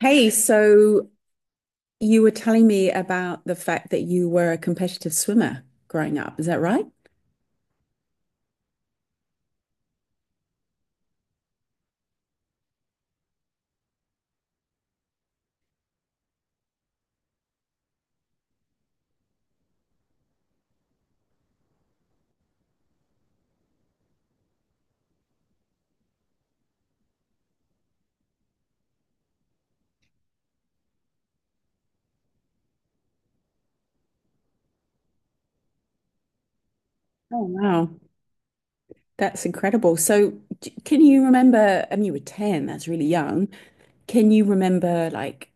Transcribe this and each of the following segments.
Hey, so you were telling me about the fact that you were a competitive swimmer growing up. Is that right? Oh, wow. That's incredible. So, can you remember? I mean, you were 10, that's really young. Can you remember, like,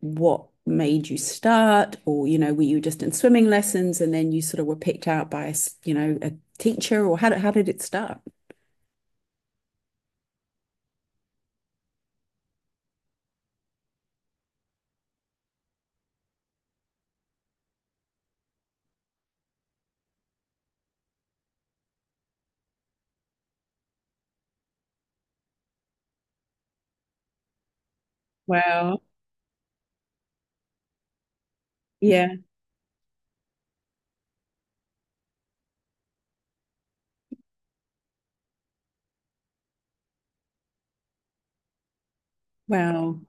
what made you start? Or, were you just in swimming lessons and then you sort of were picked out by a, s- you know, a teacher? Or how did it start? Wow. Yeah. Wow.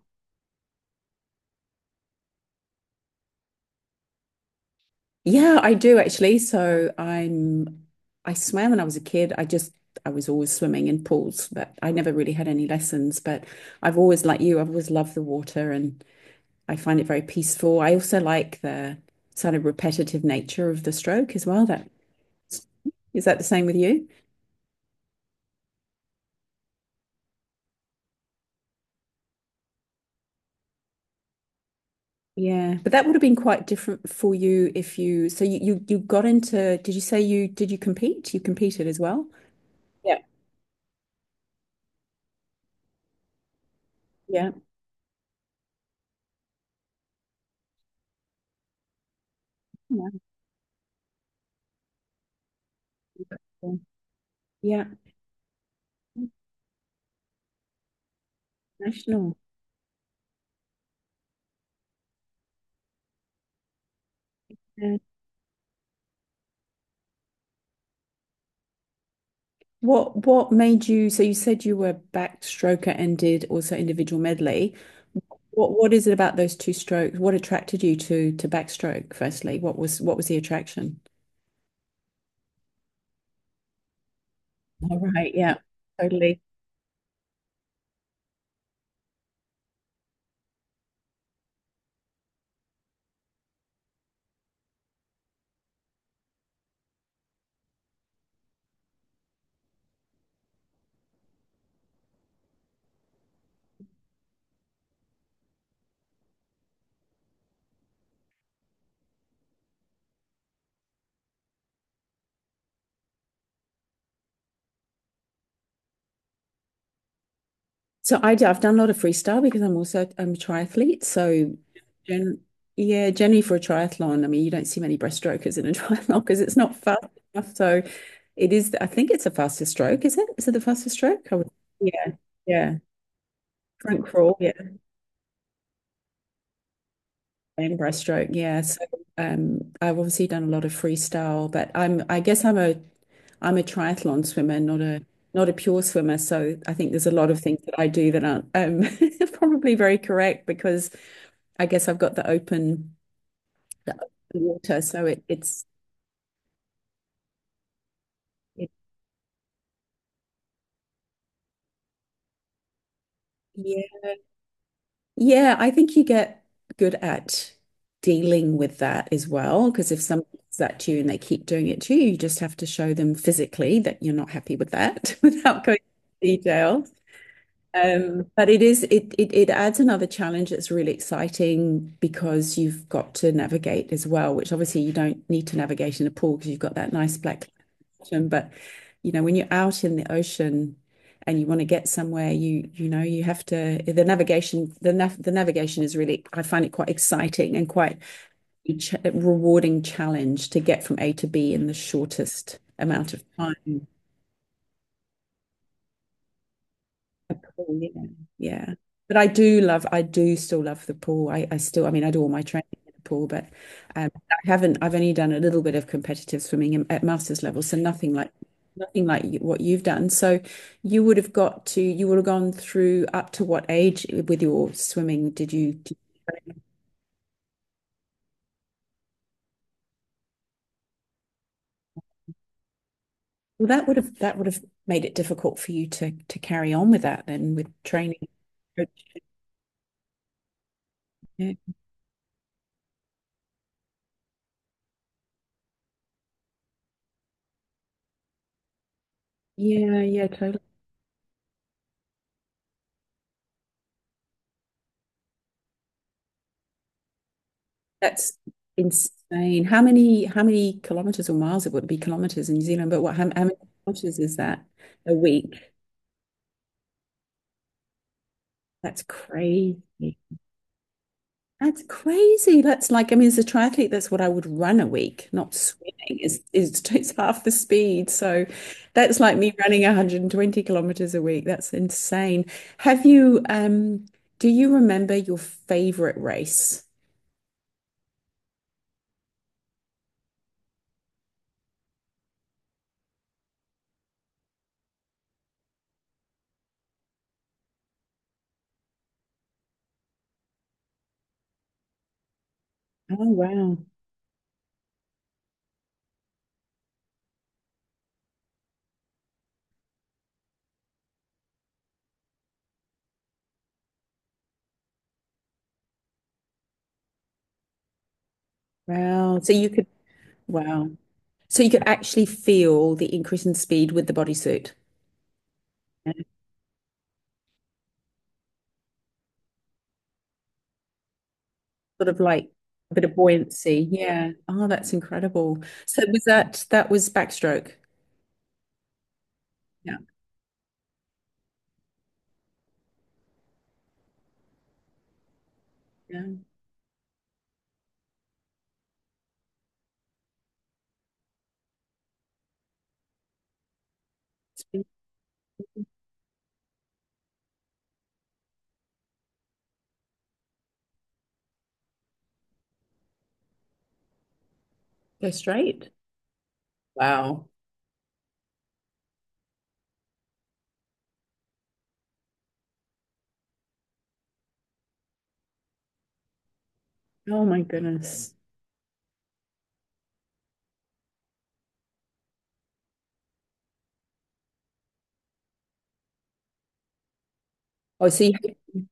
Yeah, I do actually. So I swam when I was a kid. I was always swimming in pools, but I never really had any lessons. But I've always, like you, I've always loved the water, and I find it very peaceful. I also like the sort of repetitive nature of the stroke as well. That Is that the same with you? Yeah, but that would have been quite different for you if you got into, did you compete? You competed as well? Yeah. Yeah. Yeah. Yeah. National. What made you so you said you were backed stroker and did also individual medley. What is it about those two strokes? What attracted you to backstroke firstly? What was the attraction? All right, yeah, totally. So I've done a lot of freestyle because I'm a triathlete. So gen, yeah, generally for a triathlon, I mean you don't see many breaststrokers in a triathlon because it's not fast enough. So it is I think it's the fastest stroke, is it? Is it the fastest stroke? Yeah, yeah. Front crawl, yeah. And breaststroke, yeah. So I've obviously done a lot of freestyle, but I guess I'm a triathlon swimmer, not a pure swimmer. So I think there's a lot of things that I do that aren't probably very correct because I guess I've got the open water, so it, yeah, yeah. I think you get good at dealing with that as well, because if someone does that to you and they keep doing it to you, you just have to show them physically that you're not happy with that without going into detail. But it is it, it it adds another challenge that's really exciting, because you've got to navigate as well, which obviously you don't need to navigate in a pool because you've got that nice black ocean. But you know, when you're out in the ocean and you want to get somewhere, you know you have to, the navigation is really, I find it quite exciting and quite a rewarding challenge to get from A to B in the shortest amount of time. A pool, yeah, yeah. But I do still love the pool. I mean, I do all my training in the pool, but I haven't. I've only done a little bit of competitive swimming at masters level, so nothing like you, what you've done. So you would have gone through up to what age with your swimming? Did you? Well, that would have made it difficult for you to carry on with that then with training. Yeah, yeah, yeah, totally. That's insane. How many kilometers or miles, it would be kilometers in New Zealand, but how many kilometers is that a week? That's crazy. That's crazy. That's like, I mean, as a triathlete, that's what I would run a week, not swimming. Is It's half the speed. So that's like me running 120 kilometers a week. That's insane. Have you do you remember your favorite race? Oh, wow. Wow. Wow. So you could actually feel the increase in speed with the bodysuit. Yeah. Sort of like a bit of buoyancy. Yeah. Oh, that's incredible. So that was backstroke? Yeah. Yeah. It's been Go straight. Wow. Oh my goodness. Oh, so you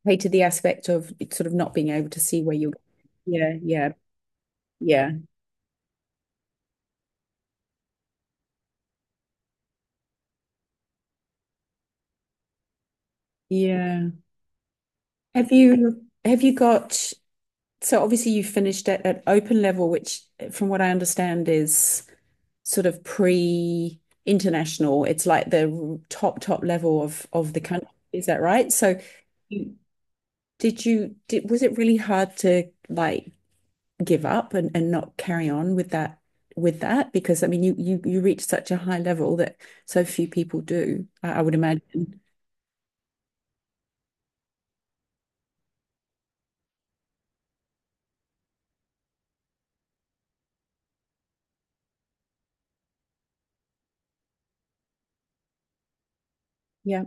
hated the aspect of it, sort of not being able to see where you're — yeah, yeah, yeah, yeah. Have you got So obviously you finished at open level, which from what I understand is sort of pre international. It's like the top, top level of the country. Is that right? So you- you did was it really hard to like give up, and not carry on with that with that? Because I mean you reach such a high level that so few people do, I would imagine. Yeah.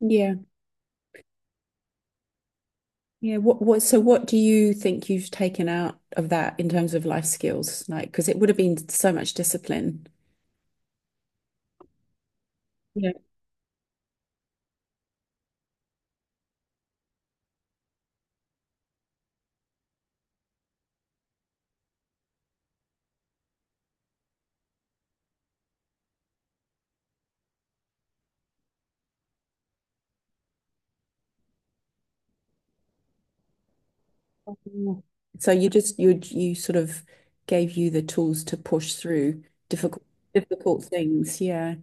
Yeah. Yeah. What do you think you've taken out of that in terms of life skills? Like, because it would have been so much discipline. Yeah. Mm. So you sort of gave you the tools to push through difficult things. Yeah.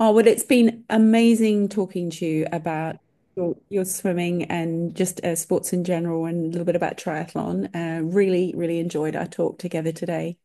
Oh, well, it's been amazing talking to you about your swimming and just sports in general and a little bit about triathlon. Really, really enjoyed our talk together today.